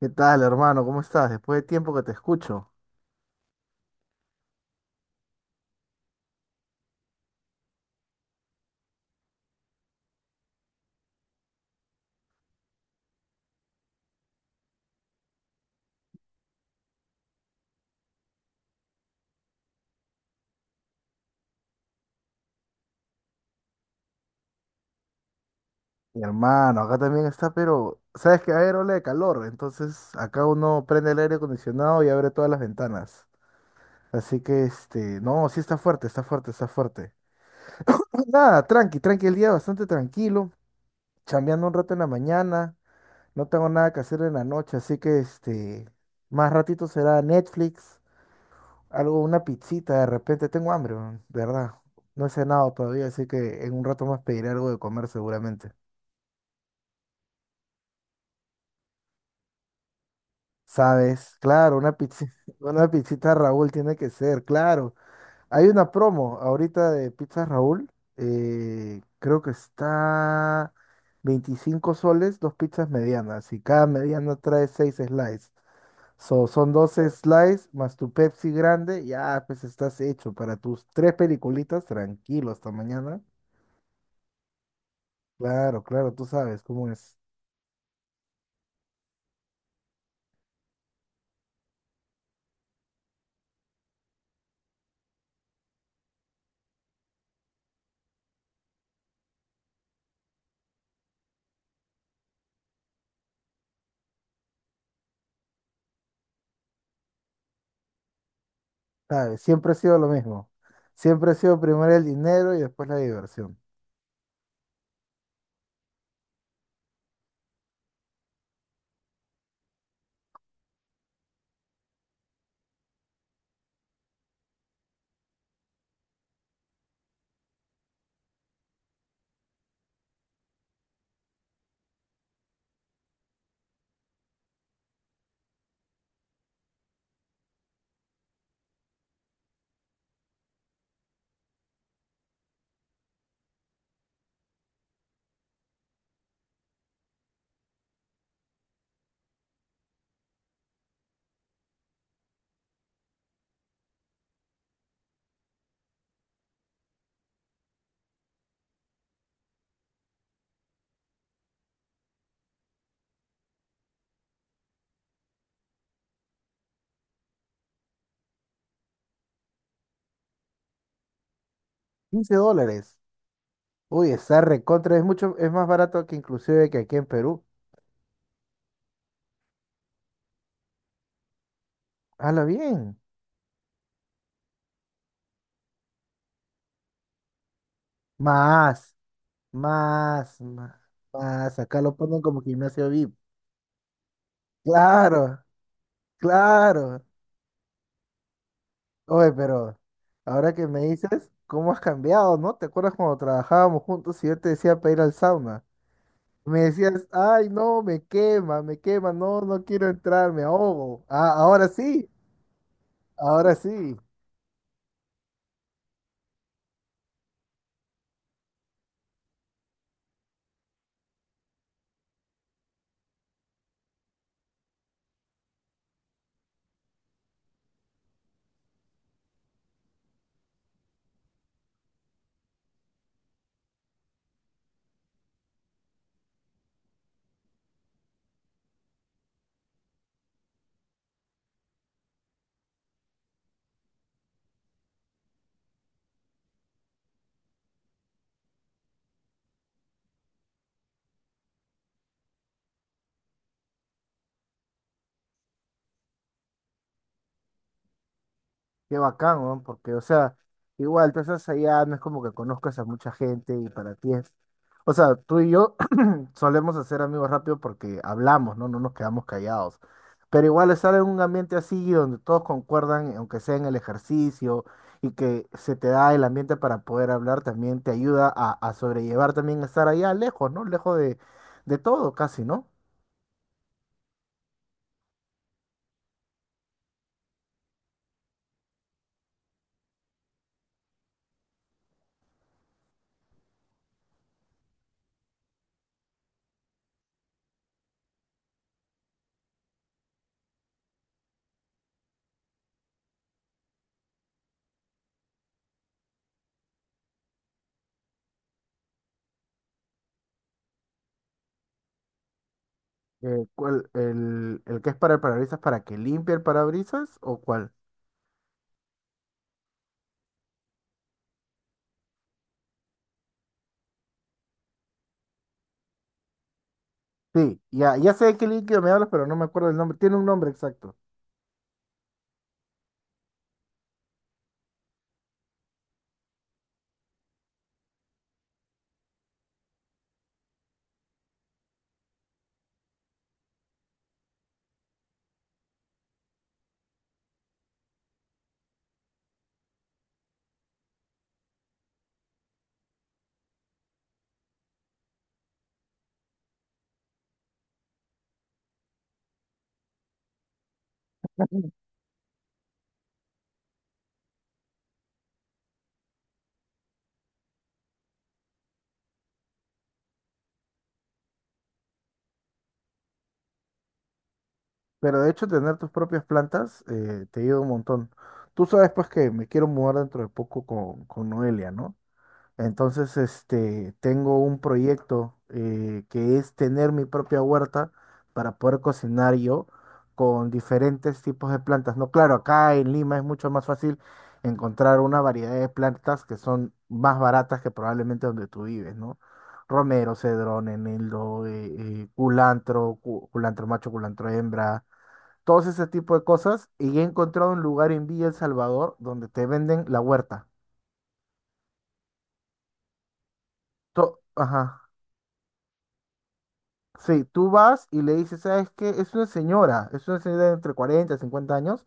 ¿Qué tal, hermano? ¿Cómo estás? Después de tiempo que te escucho. Mi hermano, acá también está, pero sabes que hay ola de calor, entonces acá uno prende el aire acondicionado y abre todas las ventanas. Así que este, no, sí está fuerte, está fuerte, está fuerte. Nada, tranqui, tranqui, el día bastante tranquilo, chambeando un rato en la mañana, no tengo nada que hacer en la noche, así que este, más ratito será Netflix, algo, una pizzita, de repente tengo hambre, man, de verdad. No he cenado todavía, así que en un rato más pediré algo de comer seguramente. Sabes, claro, una pizza, una pizzita Raúl tiene que ser, claro. Hay una promo ahorita de pizza Raúl, creo que está 25 soles, dos pizzas medianas, y cada mediana trae 6 slices. So, son 12 slices más tu Pepsi grande, ya pues estás hecho para tus tres peliculitas, tranquilo, hasta mañana. Claro, claro, tú sabes cómo es. Sabes, siempre ha sido lo mismo. Siempre ha sido primero el dinero y después la diversión. 15 dólares. Uy, está recontra, es mucho, es más barato que inclusive que aquí en Perú. Hala bien. Más, más, más, más. Acá lo ponen como gimnasio VIP. Claro, claro. Oye, pero ahora que me dices, ¿cómo has cambiado, no? ¿Te acuerdas cuando trabajábamos juntos y yo te decía para ir al sauna? Me decías, ay, no, me quema, no, no quiero entrar, me ahogo. Ah, ahora sí, ahora sí. Qué bacán, weón, porque, o sea, igual tú estás allá, no es como que conozcas a mucha gente y para ti es. O sea, tú y yo solemos hacer amigos rápido porque hablamos, ¿no? No nos quedamos callados. Pero igual estar en un ambiente así donde todos concuerdan, aunque sea en el ejercicio, y que se te da el ambiente para poder hablar, también te ayuda a sobrellevar también estar allá lejos, ¿no? Lejos de todo casi, ¿no? ¿El que es para el parabrisas para que limpie el parabrisas o cuál? Sí, ya, ya sé de qué líquido me hablas, pero no me acuerdo el nombre. Tiene un nombre exacto. Pero de hecho, tener tus propias plantas te ayuda un montón. Tú sabes, pues, que me quiero mudar dentro de poco con, Noelia, ¿no? Entonces, este, tengo un proyecto que es tener mi propia huerta para poder cocinar yo con diferentes tipos de plantas. No, claro, acá en Lima es mucho más fácil encontrar una variedad de plantas que son más baratas que probablemente donde tú vives, ¿no? Romero, cedrón, eneldo, culantro, culantro macho, culantro hembra, todos ese tipo de cosas. Y he encontrado un lugar en Villa El Salvador donde te venden la huerta. Ajá. Sí, tú vas y le dices, ¿sabes qué? Es una señora de entre 40 y 50 años,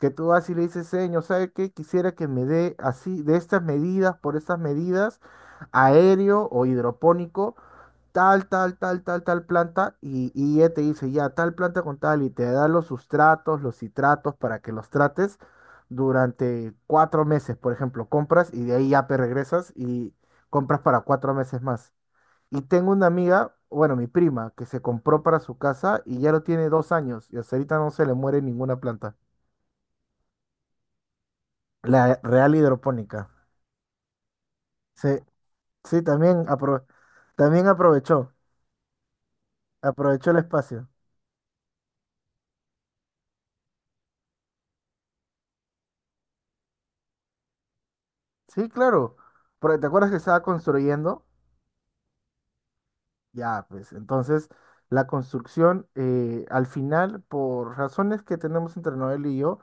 que tú vas y le dices, señor, ¿sabes qué? Quisiera que me dé así, de estas medidas, por estas medidas, aéreo o hidropónico, tal, tal, tal, tal, tal planta, y ella te dice, ya, tal planta con tal, y te da los sustratos, los citratos para que los trates durante 4 meses, por ejemplo, compras y de ahí ya te regresas y compras para 4 meses más. Y tengo una amiga, bueno, mi prima, que se compró para su casa y ya lo tiene 2 años y hasta ahorita no se le muere ninguna planta. La real hidropónica. Sí, sí, también, también aprovechó el espacio. Sí, claro, pero ¿te acuerdas que estaba construyendo? Ya, pues entonces la construcción al final, por razones que tenemos entre Noel y yo,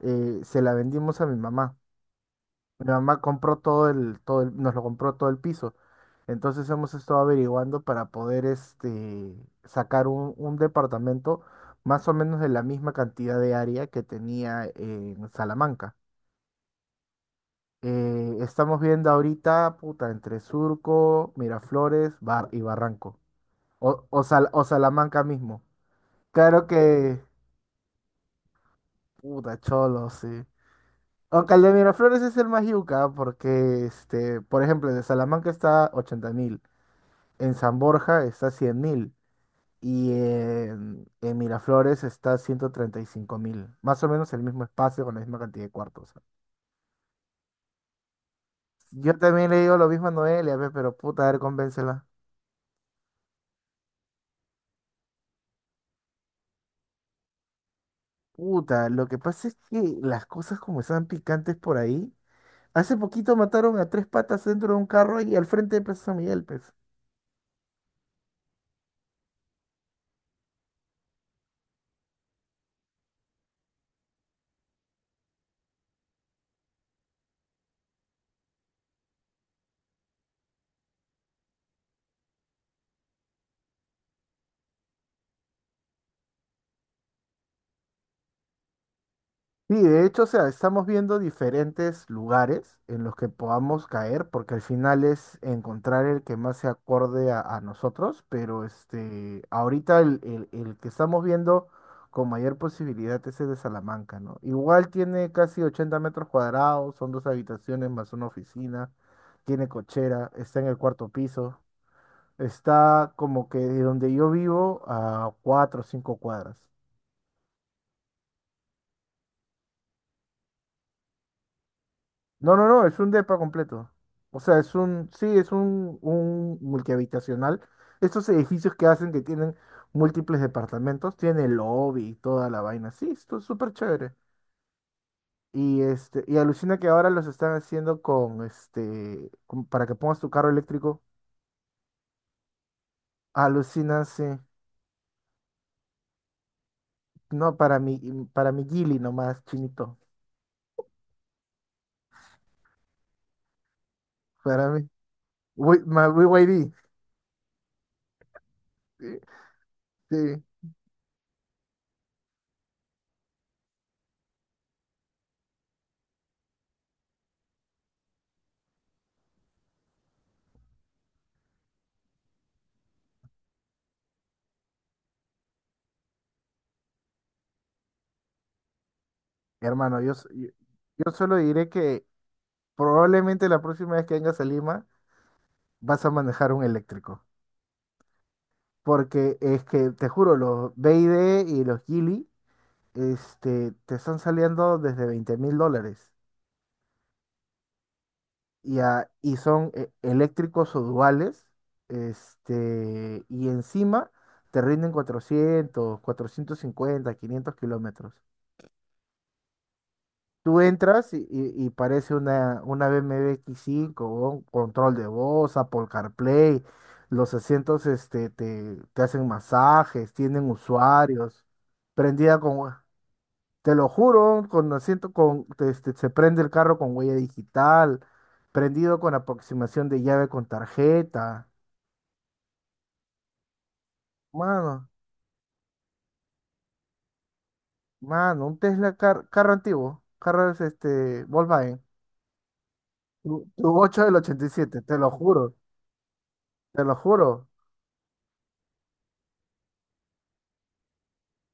se la vendimos a mi mamá. Mi mamá compró nos lo compró todo el piso. Entonces hemos estado averiguando para poder este, sacar un departamento más o menos de la misma cantidad de área que tenía en Salamanca. Estamos viendo ahorita, puta, entre Surco, Miraflores, Barranco. O Salamanca mismo. Claro que, puta, cholo, sí. Aunque el de Miraflores es el más yuca, porque, este, por ejemplo, el de Salamanca está 80.000. En San Borja está 100.000, y en Miraflores está 135.000. Más o menos el mismo espacio con la misma cantidad de cuartos. Yo también le digo lo mismo a Noelia, pero puta, a ver, convéncela. Puta, lo que pasa es que las cosas como están picantes por ahí. Hace poquito mataron a tres patas dentro de un carro y al frente de Plaza San Miguel, pues. Sí, de hecho, o sea, estamos viendo diferentes lugares en los que podamos caer, porque al final es encontrar el que más se acorde a nosotros, pero este, ahorita el que estamos viendo con mayor posibilidad es el de Salamanca, ¿no? Igual tiene casi 80 metros cuadrados, son dos habitaciones más una oficina, tiene cochera, está en el cuarto piso, está como que de donde yo vivo a 4 o 5 cuadras. No, no, no, es un depa completo. O sea, es un, sí, es un multihabitacional. Estos edificios que hacen que tienen múltiples departamentos, tiene lobby y toda la vaina. Sí, esto es súper chévere. Y este, y alucina que ahora los están haciendo con este, para que pongas tu carro eléctrico. Alucina, sí. No, para mi Gili nomás, chinito. Para mí. My BYD. Sí, sí. Hermano, yo, s- yo yo solo diré que probablemente la próxima vez que vengas a Lima vas a manejar un eléctrico. Porque es que, te juro, los BID y D y los Geely este, te están saliendo desde 20.000 dólares. Y son eléctricos o duales. Este, y encima te rinden 400, 450, 500 kilómetros. Tú entras y parece una B BMW X5 con control de voz, Apple CarPlay, los asientos este, te hacen masajes, tienen usuarios, prendida con, te lo juro, con asiento con, te- este, se prende el carro con huella digital, prendido con aproximación de llave con tarjeta. Mano, mano, un Tesla carro antiguo, carro es este, Volkswagen, tu 8 del 87 te lo juro, te lo juro.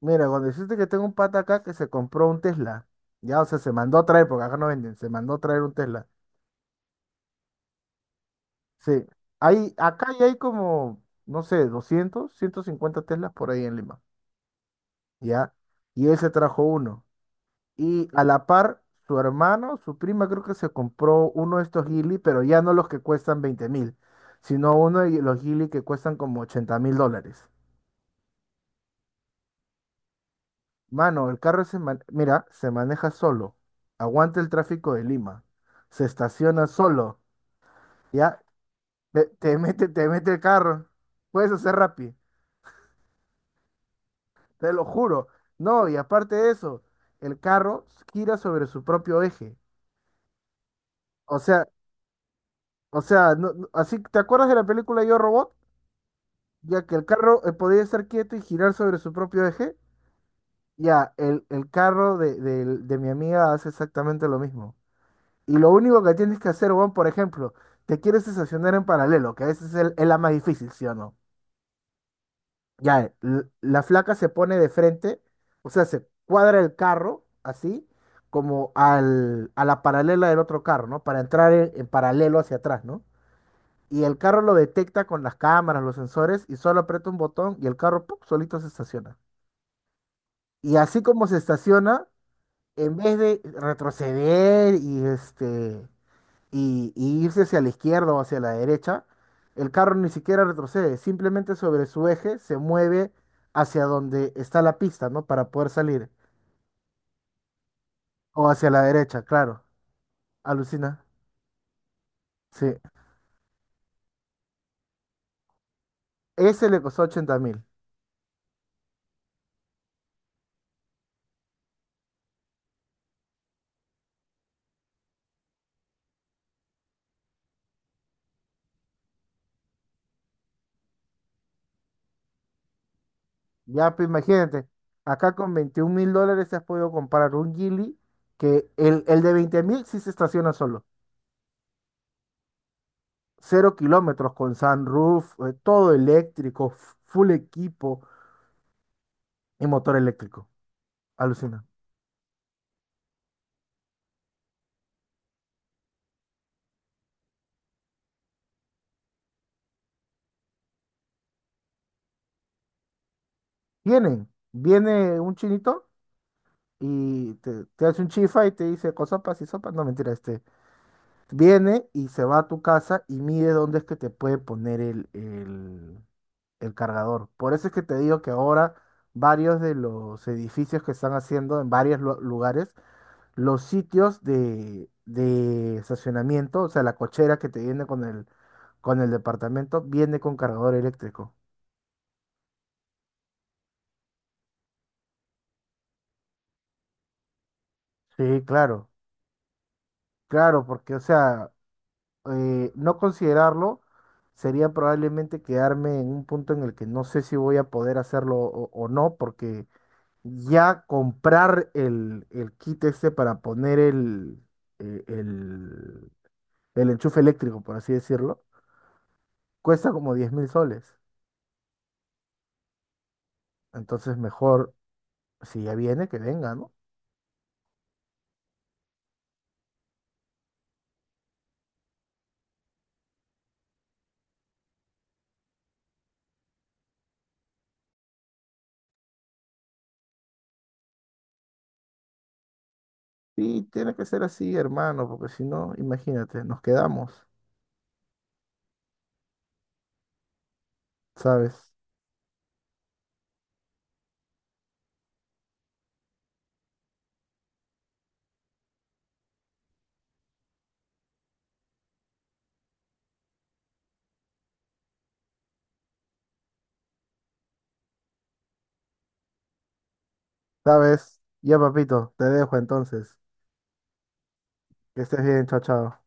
Mira, cuando dijiste que tengo un pata acá que se compró un Tesla, ya, o sea, se mandó a traer, porque acá no venden, se mandó a traer un Tesla. Sí, hay, acá ya hay como, no sé, 200, 150 Teslas por ahí en Lima, ya, y él se trajo uno. Y a la par, su hermano, su prima, creo que se compró uno de estos Geely, pero ya no los que cuestan 20.000, sino uno de los Geely que cuestan como 80.000 dólares. Mano, el carro mira, se maneja solo, aguanta el tráfico de Lima, se estaciona solo, ya te mete, te mete el carro, puedes hacer rápido, te lo juro. No, y aparte de eso, el carro gira sobre su propio eje. O sea, o sea, así, ¿te acuerdas de la película Yo Robot? Ya que el carro podía estar quieto y girar sobre su propio eje, ya el carro de mi amiga hace exactamente lo mismo. Y lo único que tienes que hacer, Juan, por ejemplo, te quieres estacionar en paralelo, que a veces es la más difícil, ¿sí o no? Ya, la flaca se pone de frente, o sea, se cuadra el carro así, como a la paralela del otro carro, ¿no? Para entrar en paralelo hacia atrás, ¿no? Y el carro lo detecta con las cámaras, los sensores, y solo aprieta un botón y el carro, ¡pum!, solito se estaciona. Y así como se estaciona, en vez de retroceder y irse hacia la izquierda o hacia la derecha, el carro ni siquiera retrocede, simplemente sobre su eje se mueve hacia donde está la pista, ¿no? Para poder salir. O hacia la derecha, claro. Alucina. Sí. Ese le costó 80.000. Ya, pues imagínate, acá con 21.000 dólares has podido comprar un Gili que el de 20.000 sí se estaciona solo. Cero kilómetros con sunroof, todo eléctrico, full equipo y motor eléctrico. Alucina. Viene un chinito y te hace un chifa y te dice cosopas y sopas. No, mentira, este. Viene y se va a tu casa y mide dónde es que te puede poner el cargador. Por eso es que te digo que ahora varios de los edificios que están haciendo en varios lugares, los sitios de estacionamiento, o sea, la cochera que te viene con el, departamento, viene con cargador eléctrico. Sí, claro, claro, porque, o sea, no considerarlo sería probablemente quedarme en un punto en el que no sé si voy a poder hacerlo o no, porque ya comprar el kit este para poner el, el- el enchufe eléctrico, por así decirlo, cuesta como 10.000 soles. Entonces mejor, si ya viene, que venga, ¿no? Sí, tiene que ser así, hermano, porque si no, imagínate, nos quedamos, ¿sabes? ¿Sabes? Ya, papito, te dejo entonces. Que estés bien, chao, chao.